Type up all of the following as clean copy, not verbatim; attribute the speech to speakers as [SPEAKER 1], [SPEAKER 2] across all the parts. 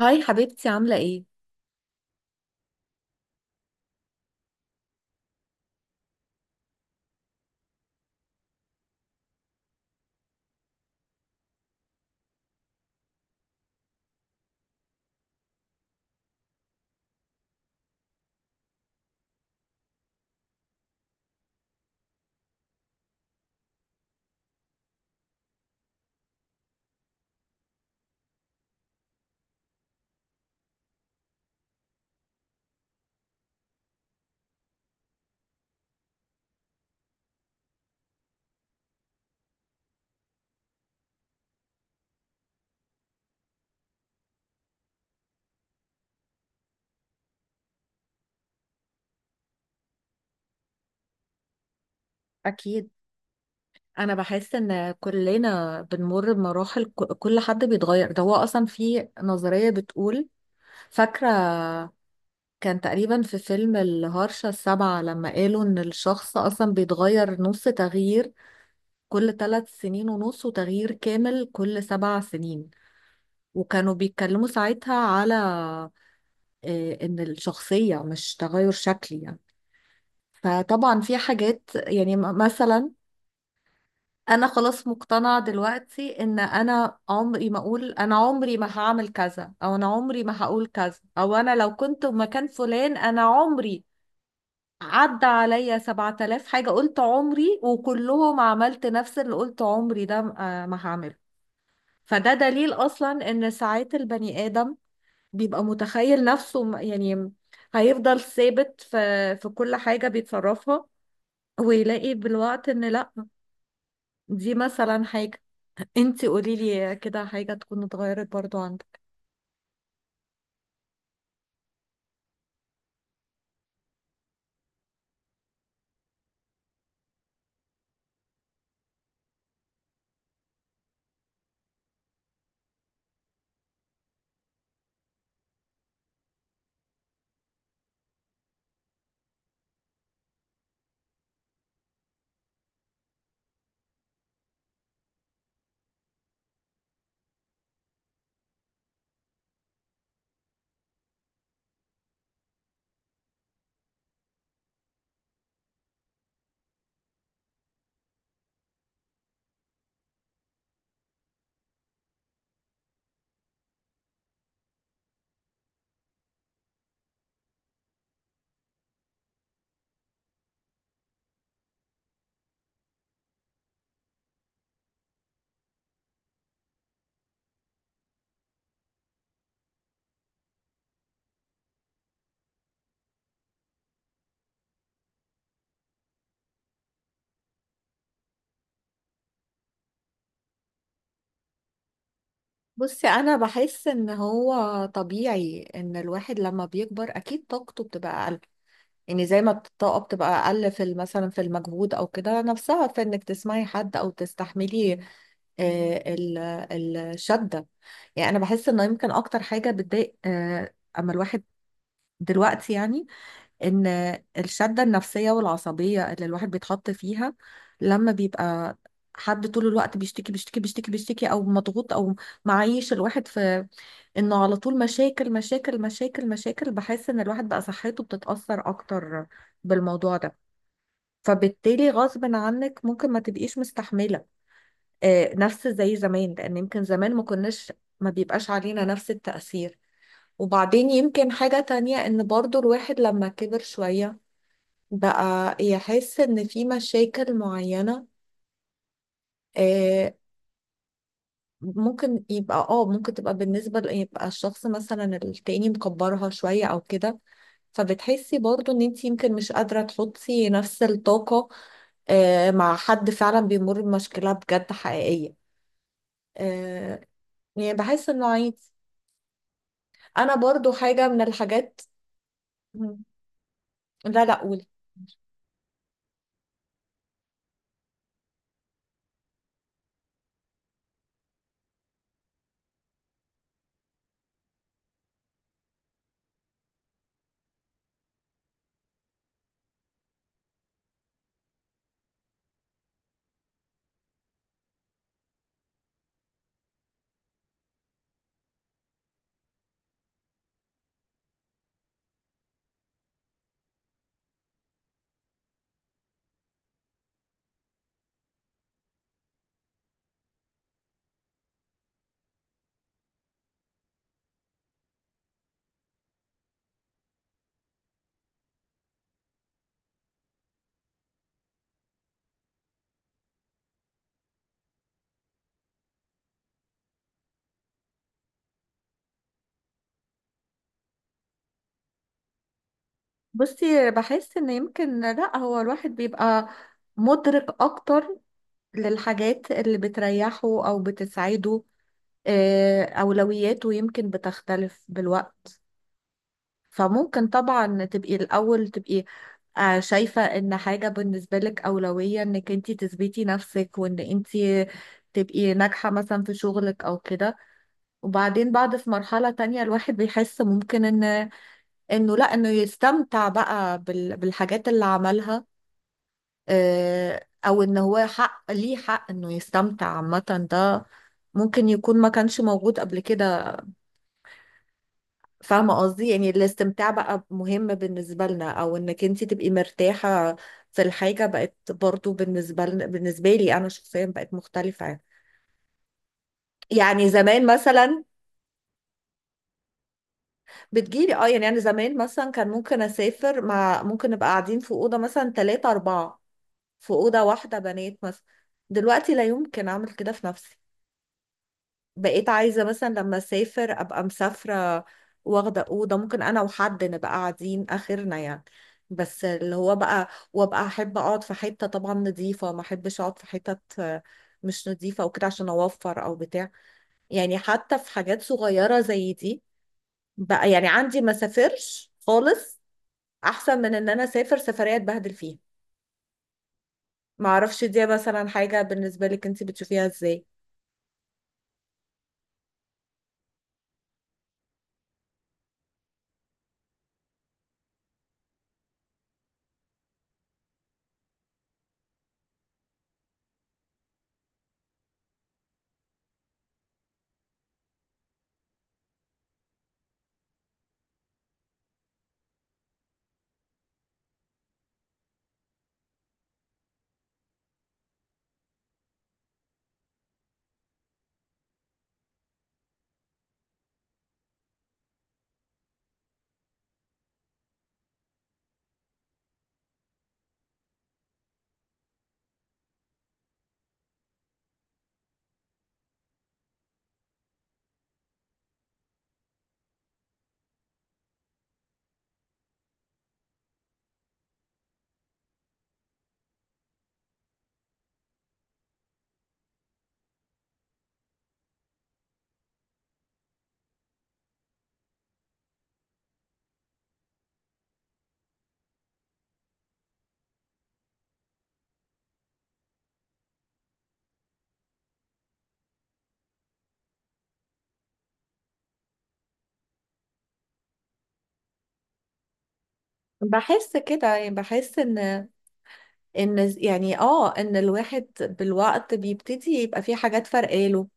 [SPEAKER 1] هاي حبيبتي، عاملة ايه؟ أكيد، أنا بحس إن كلنا بنمر بمراحل، كل حد بيتغير. ده هو أصلا في نظرية بتقول، فاكرة، كان تقريبا في فيلم الهرشة السابعة لما قالوا إن الشخص أصلا بيتغير نص تغيير كل 3 سنين ونص، وتغيير كامل كل 7 سنين. وكانوا بيتكلموا ساعتها على إن الشخصية مش تغير شكلي يعني. فطبعا في حاجات يعني مثلا، انا خلاص مقتنعة دلوقتي ان انا عمري ما اقول انا عمري ما هعمل كذا، او انا عمري ما هقول كذا، او انا لو كنت مكان فلان. انا عمري عدى عليا 7000 حاجة قلت عمري، وكلهم عملت نفس اللي قلت عمري ده ما هعمله. فده دليل اصلا ان ساعات البني ادم بيبقى متخيل نفسه يعني هيفضل ثابت في كل حاجة بيتصرفها، ويلاقي بالوقت ان لا. دي مثلا حاجة، انتي قوليلي كده حاجة تكون اتغيرت برضو عندك. بصي، انا بحس ان هو طبيعي ان الواحد لما بيكبر اكيد طاقته بتبقى اقل. يعني زي ما الطاقه بتبقى اقل في مثلا في المجهود او كده، نفسها في انك تسمعي حد او تستحملي آه، ال- الشده. يعني انا بحس انه يمكن اكتر حاجه بتضايق اما الواحد دلوقتي يعني، ان الشدة النفسية والعصبية اللي الواحد بيتحط فيها لما بيبقى حد طول الوقت بيشتكي بيشتكي بيشتكي بيشتكي، او مضغوط، او معيش الواحد في انه على طول مشاكل مشاكل مشاكل مشاكل. بحس ان الواحد بقى صحته بتتأثر اكتر بالموضوع ده. فبالتالي غصب عنك ممكن ما تبقيش مستحملة نفس زي زمان، لان يمكن زمان ما كناش ما بيبقاش علينا نفس التأثير. وبعدين يمكن حاجة تانية، ان برضو الواحد لما كبر شوية بقى يحس ان في مشاكل معينة آه، ممكن يبقى اه ممكن تبقى بالنسبة يبقى الشخص مثلا التاني مكبرها شوية او كده. فبتحسي برضو ان انت يمكن مش قادرة تحطي نفس الطاقة مع حد فعلا بيمر بمشكلة بجد حقيقية، آه، يعني بحس انه عادي. انا برضو حاجة من الحاجات. مم. لا، لا قولي. بصي، بحس ان يمكن لا، هو الواحد بيبقى مدرك اكتر للحاجات اللي بتريحه أو بتسعده. أولوياته يمكن بتختلف بالوقت. فممكن طبعا تبقي الأول تبقي شايفة إن حاجة بالنسبة لك أولوية، إنك انتي تثبتي نفسك وإن انتي تبقي ناجحة مثلا في شغلك أو كده. وبعدين بعد في مرحلة تانية الواحد بيحس ممكن إن، إنه لأ، إنه يستمتع بقى بالحاجات اللي عملها، او ان هو حق ليه، حق انه يستمتع عامة. ده ممكن يكون ما كانش موجود قبل كده. فاهمة قصدي يعني الاستمتاع بقى مهم بالنسبة لنا، او انك انت تبقي مرتاحة في الحاجة. بقت برضو بالنسبة لنا بالنسبة لي انا شخصيا بقت مختلفة يعني. يعني زمان مثلا بتجيلي اه، يعني انا زمان مثلا كان ممكن اسافر مع ممكن نبقى قاعدين في اوضة مثلا ثلاثة اربعة في اوضة واحدة بنات مثلا. دلوقتي لا يمكن اعمل كده في نفسي. بقيت عايزة مثلا لما أسافر أبقى مسافرة، واخدة أوضة ممكن أنا وحد نبقى قاعدين آخرنا يعني. بس اللي هو بقى، وأبقى أحب أقعد في حتة طبعا نظيفة، ما أحبش أقعد في حتت مش نظيفة وكده عشان أوفر أو بتاع. يعني حتى في حاجات صغيرة زي دي، بقى يعني عندي ما سافرش خالص أحسن من إن أنا أسافر سفرية أتبهدل فيها. معرفش، دي مثلا حاجة بالنسبة لك أنت بتشوفيها إزاي؟ بحس كده يعني، بحس إن، ان يعني اه ان الواحد بالوقت بيبتدي يبقى في حاجات فرقاله،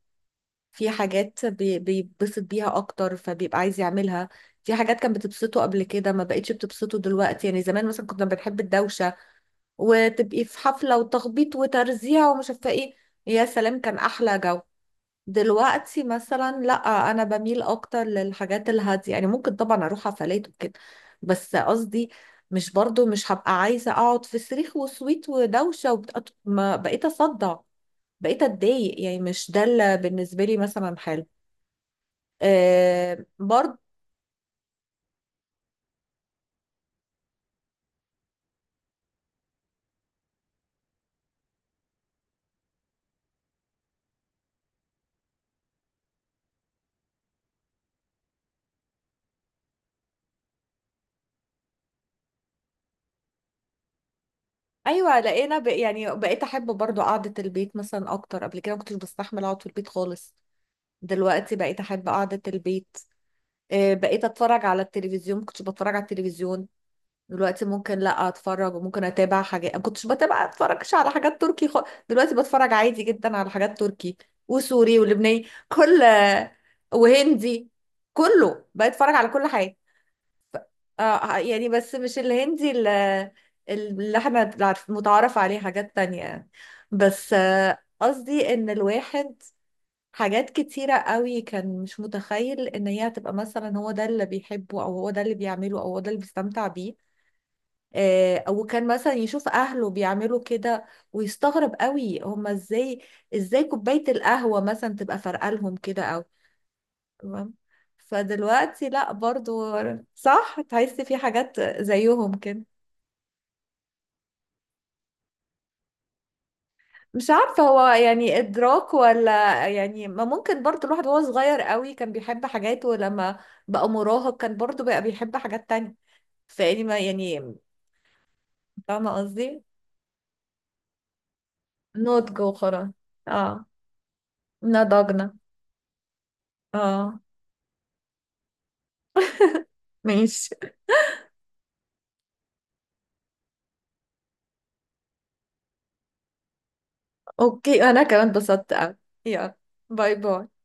[SPEAKER 1] في حاجات بيتبسط بيها اكتر فبيبقى عايز يعملها. في حاجات كانت بتبسطه قبل كده ما بقتش بتبسطه دلوقتي. يعني زمان مثلا كنا بنحب الدوشة، وتبقي في حفلة وتخبيط وترزيع ومش عارفة ايه، يا سلام كان احلى جو. دلوقتي مثلا لا، انا بميل اكتر للحاجات الهاديه. يعني ممكن طبعا اروح حفلات وكده، بس قصدي مش برضو مش هبقى عايزه اقعد في صريخ وسويت ودوشه ما بقيت اصدع، بقيت اتضايق. يعني مش ده اللي بالنسبه لي مثلا حلو. آه برضو. ايوه لقينا يعني بقيت احب برضو قعده البيت مثلا اكتر. قبل كده ما كنتش بستحمل اقعد في البيت خالص، دلوقتي بقيت احب قعده البيت. آه بقيت اتفرج على التلفزيون، ما كنتش بتفرج على التلفزيون. دلوقتي ممكن لا اتفرج، وممكن اتابع حاجات ما كنتش بتابع، اتفرجش على حاجات تركي دلوقتي بتفرج عادي جدا على حاجات تركي وسوري ولبناني كل، وهندي. كله بتفرج على كل حاجه. آه، يعني بس مش الهندي اللي احنا متعارف عليه، حاجات تانية يعني. بس قصدي ان الواحد، حاجات كتيرة قوي كان مش متخيل ان هي هتبقى مثلا هو ده اللي بيحبه او هو ده اللي بيعمله او هو ده اللي بيستمتع بيه، او كان مثلا يشوف اهله بيعملوا كده ويستغرب قوي هما ازاي كوباية القهوة مثلا تبقى فارقة لهم كده او. تمام. فدلوقتي لا، برضو صح، تحسي في حاجات زيهم كده. مش عارفة هو يعني إدراك ولا يعني، ما ممكن برضو الواحد وهو صغير قوي كان بيحب حاجات، ولما بقى مراهق كان برضو بقى بيحب حاجات تانية. فيعني ما يعني، فاهمة قصدي. نضج وخلاص. اه نضجنا. اه، ماشي. اوكي، انا كمان اتبسطت اوي. يلا، باي باي.